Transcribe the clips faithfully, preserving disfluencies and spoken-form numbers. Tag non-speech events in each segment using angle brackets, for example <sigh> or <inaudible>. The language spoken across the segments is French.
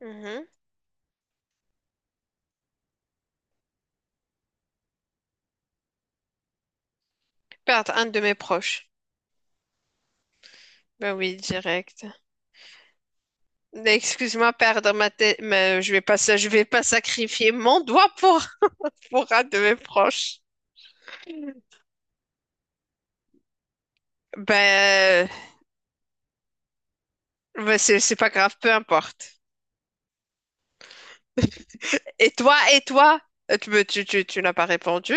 Mhm. Perdre un de mes proches. Ben oui, direct. Mais Excuse-moi, perdre ma tête, mais je vais pas, sa- je vais pas sacrifier mon doigt pour, pour un de mes proches. Ben, ben c'est, c'est pas grave, peu importe. Et toi, et toi, Euh, tu, me- tu, tu, tu n'as pas répondu.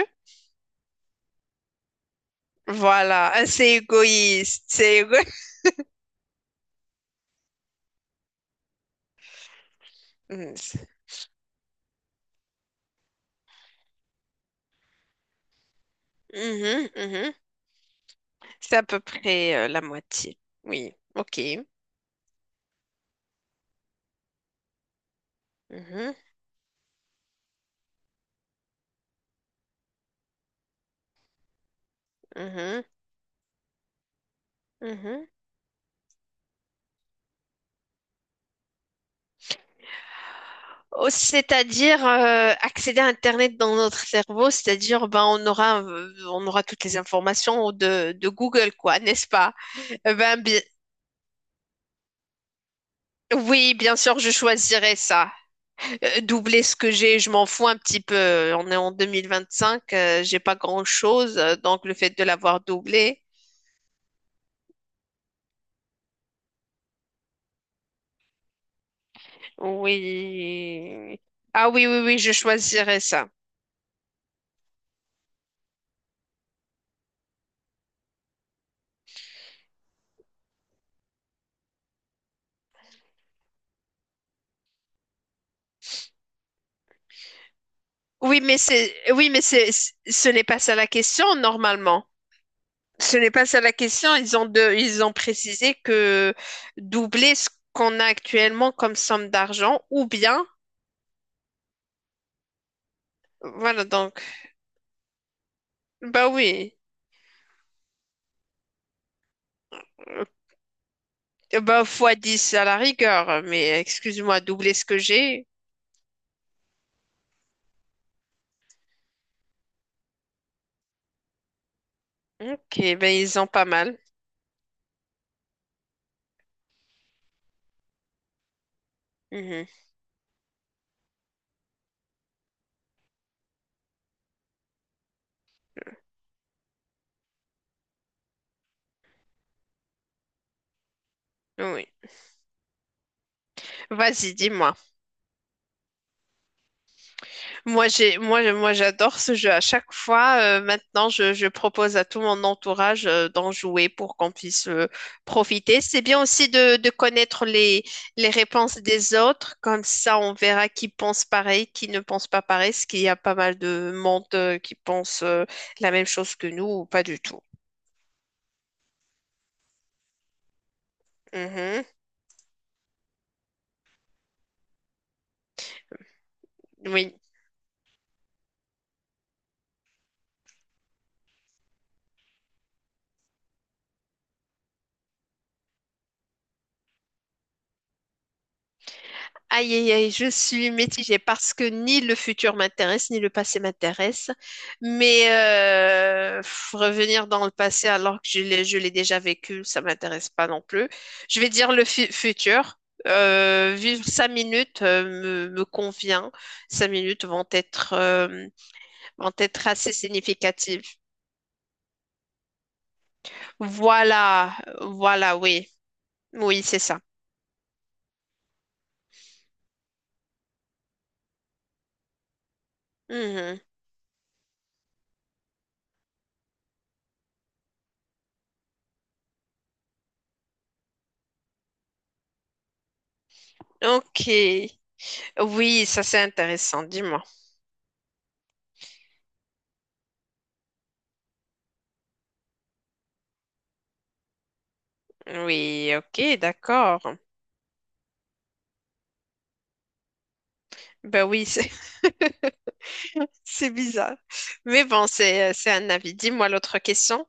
Voilà, Ah, c'est égoïste, c'est égoïste. <laughs> Mhm, mhm. C'est à peu près euh, la moitié. Oui, ok. Mhm, mhm, mhm. Oh, C'est-à-dire euh, accéder à Internet dans notre cerveau, c'est-à-dire ben on aura euh, on aura toutes les informations de, de Google quoi, n'est-ce pas? Euh, Ben bi- oui, bien sûr, je choisirais ça. Euh, doubler ce que j'ai, je m'en fous un petit peu. On est en deux mille vingt-cinq, euh, j'ai pas grand-chose, euh, donc le fait de l'avoir doublé, oui. Ah oui oui oui, je choisirais ça. Oui, mais c'est oui, mais c'est ce n'est pas ça la question normalement. Ce n'est pas ça la question. Ils ont, de, ils ont précisé que doubler ce qu'on a actuellement comme somme d'argent, ou bien, voilà, donc, bah oui. Euh, bah fois dix à la rigueur, mais excuse-moi, doubler ce que j'ai. Ok, ben ils ont pas mal. Mhm. Oui. Vas-y, dis-moi. Moi, j'ai, moi, je- moi, j'adore ce jeu. À chaque fois, euh, maintenant, je, je propose à tout mon entourage, euh, d'en jouer pour qu'on puisse, euh, profiter. C'est bien aussi de, de connaître les, les réponses des autres. Comme ça, on verra qui pense pareil, qui ne pense pas pareil, parce qu'il y a pas mal de monde, euh, qui pense, euh, la même chose que nous ou pas du tout. Mhm. Oui. Aïe, aïe, aïe, je suis mitigée parce que ni le futur m'intéresse, ni le passé m'intéresse. Mais euh, pff, revenir dans le passé alors que je l'ai, je l'ai déjà vécu, ça m'intéresse pas non plus. Je vais dire le fu- futur. Euh, vivre cinq minutes euh, me, me convient. Cinq minutes vont être, euh, vont être assez significatives. Voilà, voilà, oui. Oui, c'est ça. Mhm. Ok. Oui, ça c'est intéressant, dis-moi. Oui, ok, d'accord. Ben oui, c'est <laughs> c'est bizarre. Mais bon, c'est c'est un avis. Dis-moi l'autre question.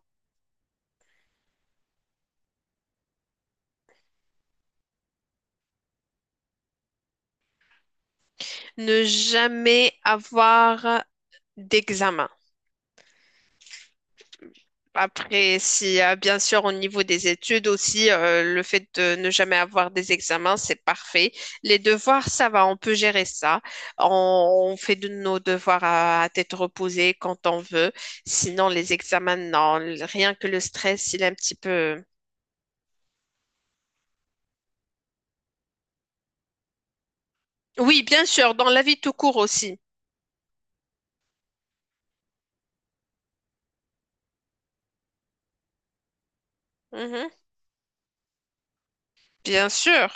Ne jamais avoir d'examen. Après, si euh, bien sûr au niveau des études aussi, euh, le fait de ne jamais avoir des examens, c'est parfait. Les devoirs, ça va, on peut gérer ça. On, on fait de nos devoirs à, à tête reposée quand on veut. Sinon, les examens, non. Rien que le stress, il est un petit peu. Oui, bien sûr, dans la vie tout court aussi. Mhm. Bien sûr.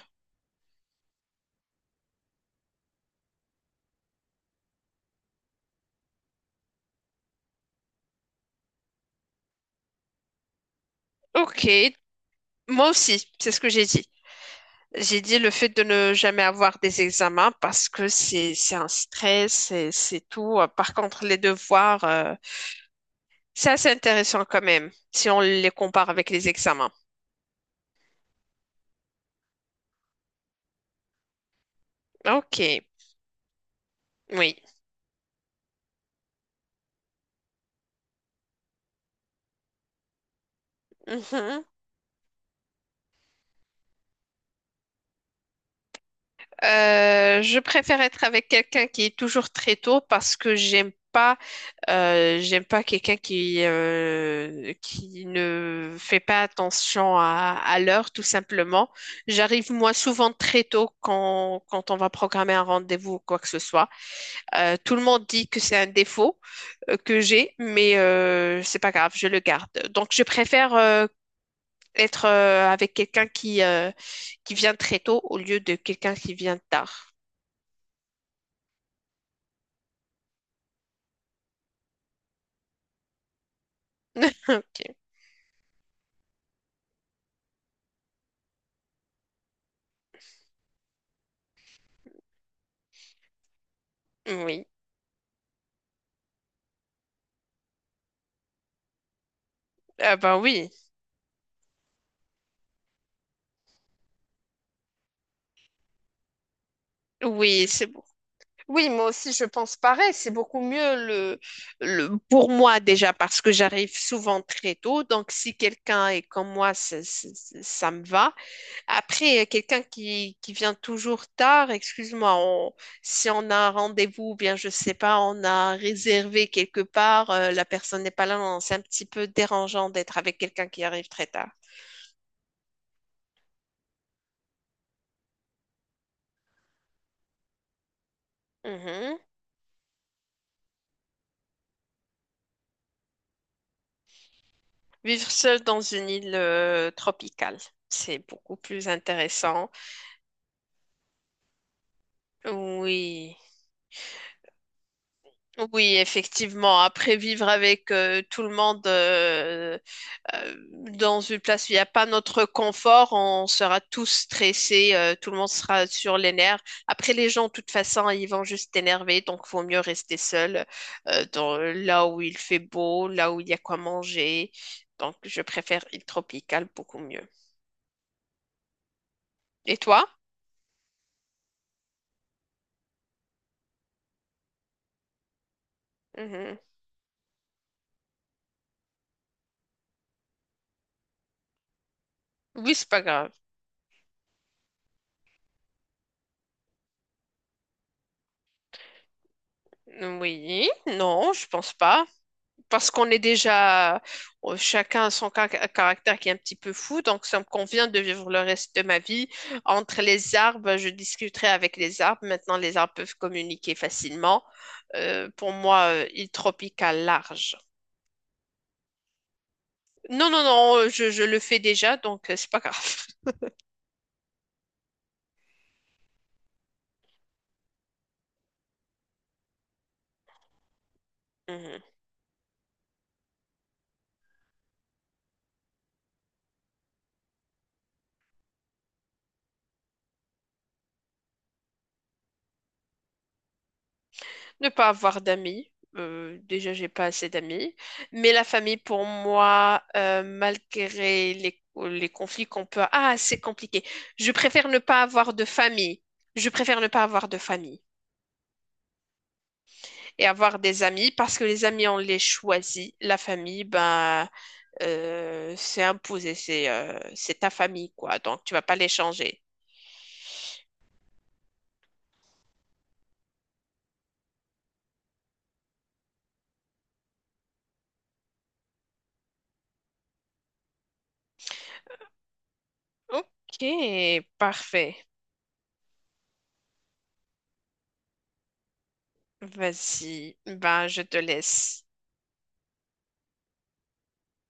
Ok, moi aussi, c'est ce que j'ai dit. J'ai dit le fait de ne jamais avoir des examens parce que c'est c'est un stress, c'est c'est tout. Par contre, les devoirs, euh, c'est assez intéressant quand même si on les compare avec les examens. Ok, oui. Mhm. Euh, je préfère être avec quelqu'un qui est toujours très tôt parce que j'aime pas Euh, j'aime pas quelqu'un qui, euh, qui ne fait pas attention à, à l'heure, tout simplement. J'arrive, moi, souvent très tôt quand, quand on va programmer un rendez-vous ou quoi que ce soit. Euh, tout le monde dit que c'est un défaut euh, que j'ai, mais euh, c'est pas grave, je le garde. Donc, je préfère euh, être euh, avec quelqu'un qui, euh, qui vient très tôt au lieu de quelqu'un qui vient tard. <laughs> Ok, oui. Ah ben oui, oui, c'est bon. Oui, moi aussi, je pense pareil. C'est beaucoup mieux le, le, pour moi déjà parce que j'arrive souvent très tôt. Donc, si quelqu'un est comme moi, c'est- c'est- c'est- ça me va. Après, euh, quelqu'un qui, qui vient toujours tard, excuse-moi, on- si on a un rendez-vous, ou bien je sais pas, on a réservé quelque part, euh, la personne n'est pas là, non, c'est un petit peu dérangeant d'être avec quelqu'un qui arrive très tard. Mhm. Vivre seul dans une île, euh, tropicale, c'est beaucoup plus intéressant. Oui. Oui, effectivement. Après, vivre avec euh, tout le monde euh, euh, dans une place où il n'y a pas notre confort, on sera tous stressés, euh, tout le monde sera sur les nerfs. Après, les gens, de toute façon, ils vont juste t'énerver, donc vaut mieux rester seul euh, dans, là où il fait beau, là où il y a quoi manger. Donc, je préfère île tropicale beaucoup mieux. Et toi? Mhm. Oui, c'est pas grave. Oui, non, je pense pas. Parce qu'on est déjà euh, chacun a son car- caractère qui est un petit peu fou, donc ça me convient de vivre le reste de ma vie entre les arbres. Je discuterai avec les arbres. Maintenant, les arbres peuvent communiquer facilement. Euh, pour moi, euh, île tropicale large. Non, non, non, euh, je, je le fais déjà, donc euh, c'est pas grave. <laughs> Mhm. Ne pas avoir d'amis. Euh, déjà, j'ai pas assez d'amis. Mais la famille, pour moi, euh, malgré les, les conflits qu'on peut... Ah, c'est compliqué. Je préfère ne pas avoir de famille. Je préfère ne pas avoir de famille et avoir des amis parce que les amis, on les choisit. La famille, ben, euh, c'est imposé. C'est euh, c'est ta famille, quoi. Donc, tu vas pas les changer. Ok, parfait. Vas-y. Ben, je te laisse.